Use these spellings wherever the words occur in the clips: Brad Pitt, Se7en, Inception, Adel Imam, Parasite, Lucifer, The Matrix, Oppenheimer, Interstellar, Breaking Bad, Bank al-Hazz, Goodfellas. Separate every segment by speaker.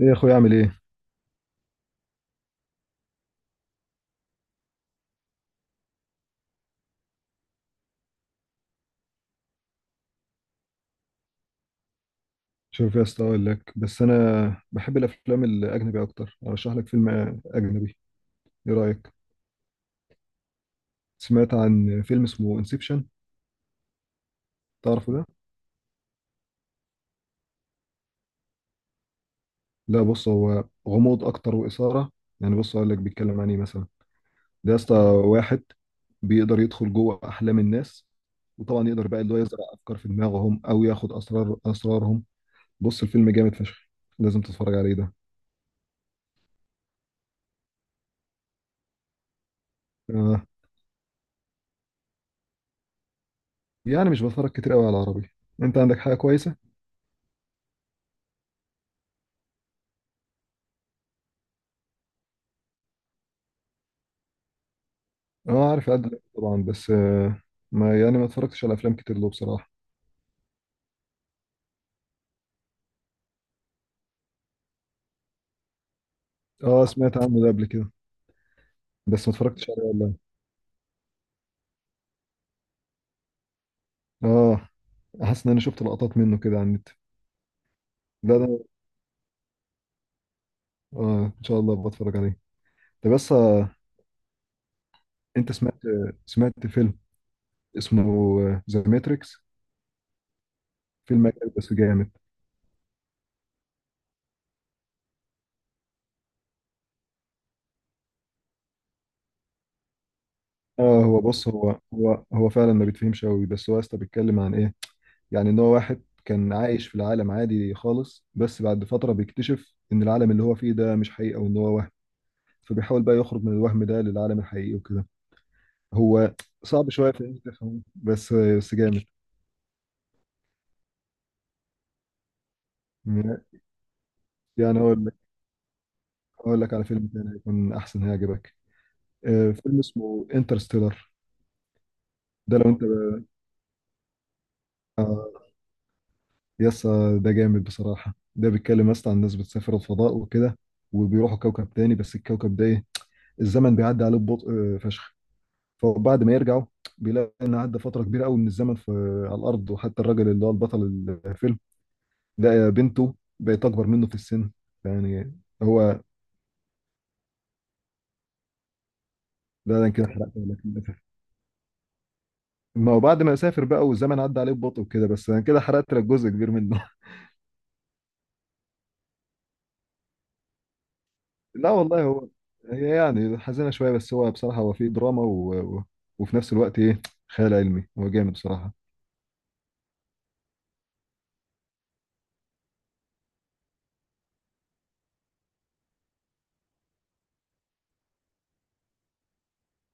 Speaker 1: ايه يا اخويا، اعمل ايه؟ شوف يا اسطى، اقول لك بس انا بحب الافلام الاجنبي اكتر. ارشح لك فيلم اجنبي. ايه رايك؟ سمعت عن فيلم اسمه انسبشن؟ تعرفه ده؟ لا، بص، هو غموض اكتر واثاره. يعني بص اقول لك بيتكلم عن ايه مثلا. ده يا اسطى واحد بيقدر يدخل جوه احلام الناس. وطبعا يقدر بقى اللي هو يزرع افكار في دماغهم او ياخد اسرارهم. بص الفيلم جامد فشخ. لازم تتفرج عليه ده. آه. يعني مش بتفرج كتير قوي على العربي. انت عندك حاجه كويسه؟ اه، عارف عادل إمام طبعا، بس ما يعني ما اتفرجتش على افلام كتير له بصراحه. اه، سمعت عنه ده قبل كده، بس ما اتفرجتش عليه والله. اه، حاسس ان انا شفت لقطات منه كده على النت. لا ده اه، ان شاء الله بتفرج عليه. طب بس انت سمعت سمعت فيلم اسمه ذا ماتريكس. فيلم أجنبي بس جامد. اه، هو بص، هو فعلا ما بيتفهمش قوي، بس هو يا اسطى بيتكلم عن ايه؟ يعني ان هو واحد كان عايش في العالم عادي خالص، بس بعد فتره بيكتشف ان العالم اللي هو فيه ده مش حقيقه وان هو وهم. فبيحاول بقى يخرج من الوهم ده للعالم الحقيقي وكده. هو صعب شوية في إنك تفهمه، بس جامد. يعني هقول لك. هقول لك على فيلم تاني هيكون أحسن، هيعجبك. فيلم اسمه انترستيلر. ده لو أنت يسا ده جامد بصراحة. ده بيتكلم اصلا عن ناس بتسافر الفضاء وكده، وبيروحوا كوكب تاني. بس الكوكب ده ايه، الزمن بيعدي عليه ببطء فشخ. فبعد ما يرجعوا بيلاقي ان عدى فترة كبيرة قوي من الزمن في على الارض. وحتى الراجل اللي هو البطل الفيلم ده بنته بقت اكبر منه في السن. يعني هو ده انا كده حرقت لك للاسف. ما هو بعد ما سافر بقى والزمن عدى عليه ببطء وكده، بس انا كده حرقت لك جزء كبير منه. لا والله، هي يعني حزينه شويه، بس هو بصراحه هو فيه دراما وفي نفس الوقت ايه؟ خيال علمي. هو جامد بصراحه.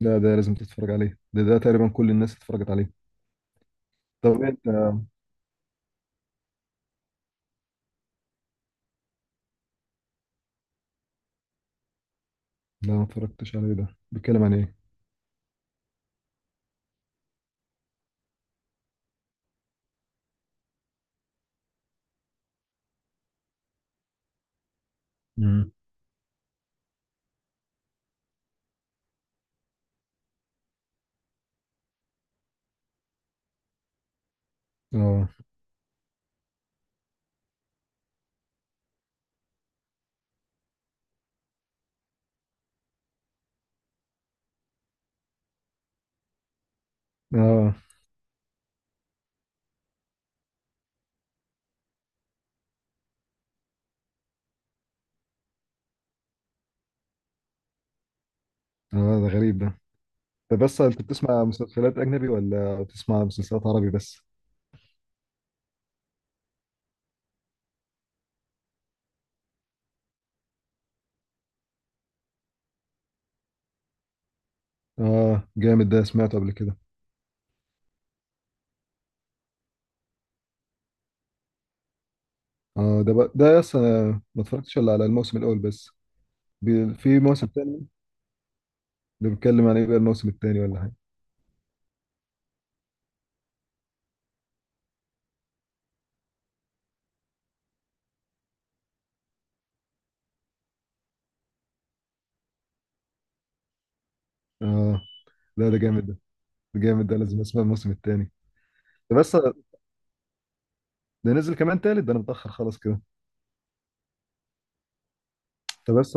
Speaker 1: لا، ده لازم تتفرج عليه. ده تقريبا كل الناس اتفرجت عليه. طب انت لا، ما اتفرجتش عليه. ده بيتكلم عن ايه؟ امم. اه، اه. اه، ده غريب ده. طب بس، انت بتسمع مسلسلات اجنبي ولا بتسمع مسلسلات عربي بس؟ اه، جامد ده، سمعته قبل كده. اه، ده بقى ده، يس انا ما اتفرجتش الا على الموسم الاول بس. في موسم تاني، ده بيتكلم عن ايه بقى الموسم التاني ولا حاجه؟ اه. لا، ده جامد ده. ده جامد ده، لازم اسمع الموسم التاني. ده بس ده نزل كمان تالت. ده انا متاخر خالص كده. طب بس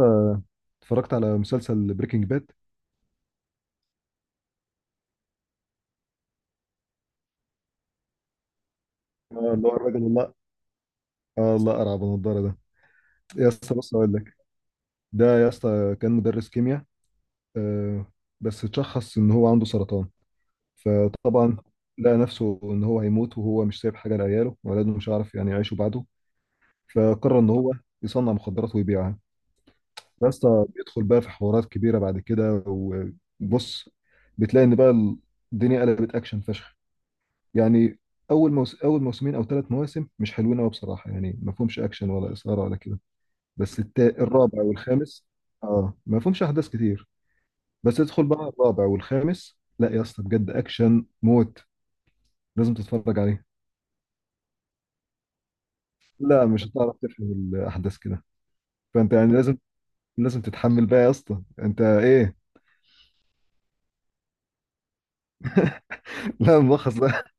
Speaker 1: اتفرجت على مسلسل بريكنج باد؟ اه، اللي هو الراجل الله. اه، الله ارعب النضاره ده. يا اسطى بص اقول لك. ده يا اسطى كان مدرس كيمياء، آه بس اتشخص ان هو عنده سرطان. فطبعا لقى نفسه ان هو هيموت، وهو مش سايب حاجه لعياله وولاده، مش هيعرف يعني يعيشوا بعده. فقرر ان هو يصنع مخدرات ويبيعها. بس بيدخل بقى في حوارات كبيره بعد كده، وبص بتلاقي ان بقى الدنيا قلبت اكشن فشخ. يعني اول موسمين او ثلاث مواسم مش حلوين قوي بصراحه، يعني ما فيهمش اكشن ولا اثاره ولا كده. بس الرابع والخامس، اه، ما فيهمش احداث كتير. بس ادخل بقى الرابع والخامس، لا يا اسطى بجد اكشن موت. لازم تتفرج عليه. لا، مش هتعرف تفهم الاحداث كده. فانت يعني لازم. لازم تتحمل بقى يا اسطى انت ايه. لا، ملخص بقى؟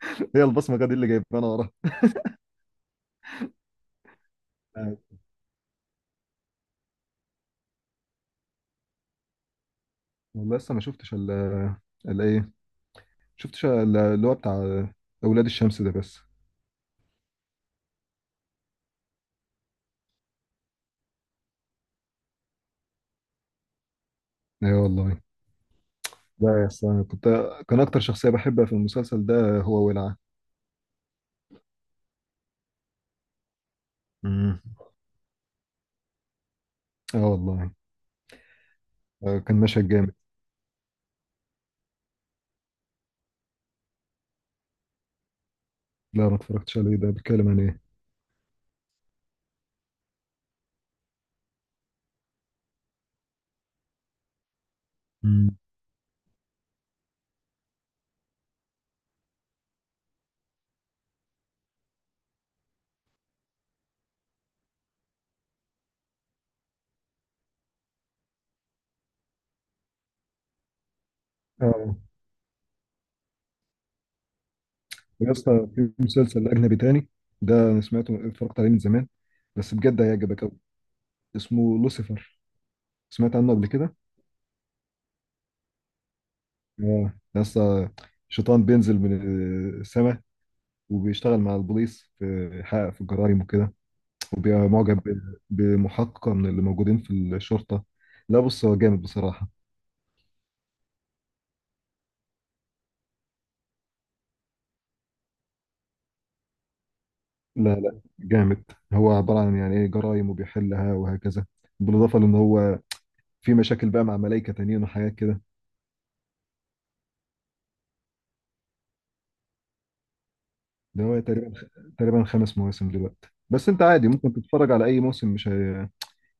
Speaker 1: هي البصمه دي اللي جايبها انا وراها. آه، والله لسه ما شفتش ال ال ايه شفتش ال- اللي هو بتاع اولاد الشمس ده بس. ايوه والله. لا يا اسطى انا كنت كان اكتر شخصيه بحبها في المسلسل ده هو ولعه. امم. اه والله. كان مشهد جامد. لا، ما اتفرجتش عليه. ده بيتكلم عن ايه؟ امم. اه. يا اسطى، في مسلسل أجنبي تاني ده أنا سمعته اتفرجت عليه من زمان، بس بجد هيعجبك أوي. اسمه لوسيفر، سمعت عنه قبل كده؟ آه يا اسطى، شيطان بينزل من السماء، وبيشتغل مع البوليس في يحقق في الجرائم وكده. وبيبقى معجب بمحققة من اللي موجودين في الشرطة. لا بص، هو جامد بصراحة. لا لا، جامد. هو عبارة عن يعني إيه، جرائم وبيحلها وهكذا. بالإضافة لأن هو في مشاكل بقى مع ملايكة تانيين وحاجات كده. ده هو تقريبا خمس مواسم دلوقتي، بس انت عادي ممكن تتفرج على اي موسم، مش هي...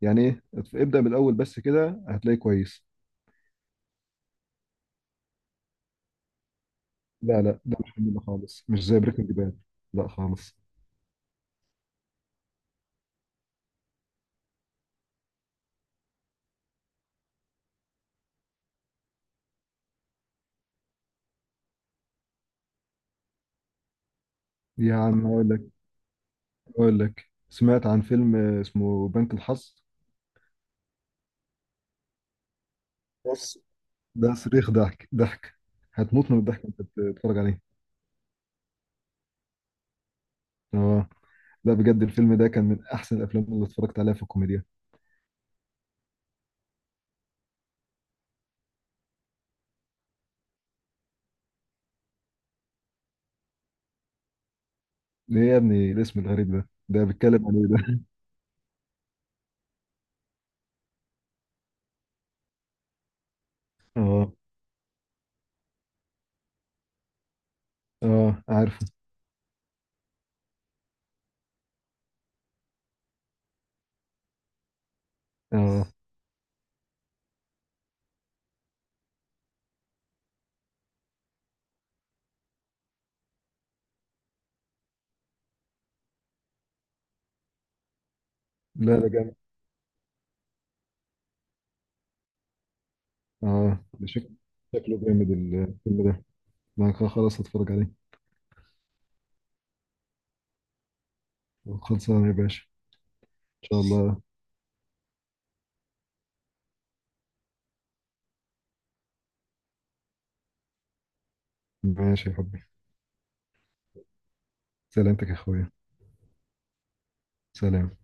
Speaker 1: يعني ايه، ابدأ من الاول بس كده هتلاقيه كويس. لا لا، ده مش منه خالص، مش زي بريكنج باد. لا خالص. يا عم اقول لك. سمعت عن فيلم اسمه بنك الحظ. بص، ده صريخ، ضحك ضحك. هتموت من الضحك وانت بتتفرج عليه. اه، لا بجد الفيلم ده كان من احسن الافلام اللي اتفرجت عليها في الكوميديا. ايه يا ابني الاسم الغريب ده، ده بيتكلم عن ايه ده؟ اه. اه عارفه. اه. لا لا. اه، شكله جامد الفيلم ده. انا خلاص هتفرج عليه. خلصانه يا باشا. ان شاء الله. ماشي يا حبي. سلامتك يا اخويا. سلام.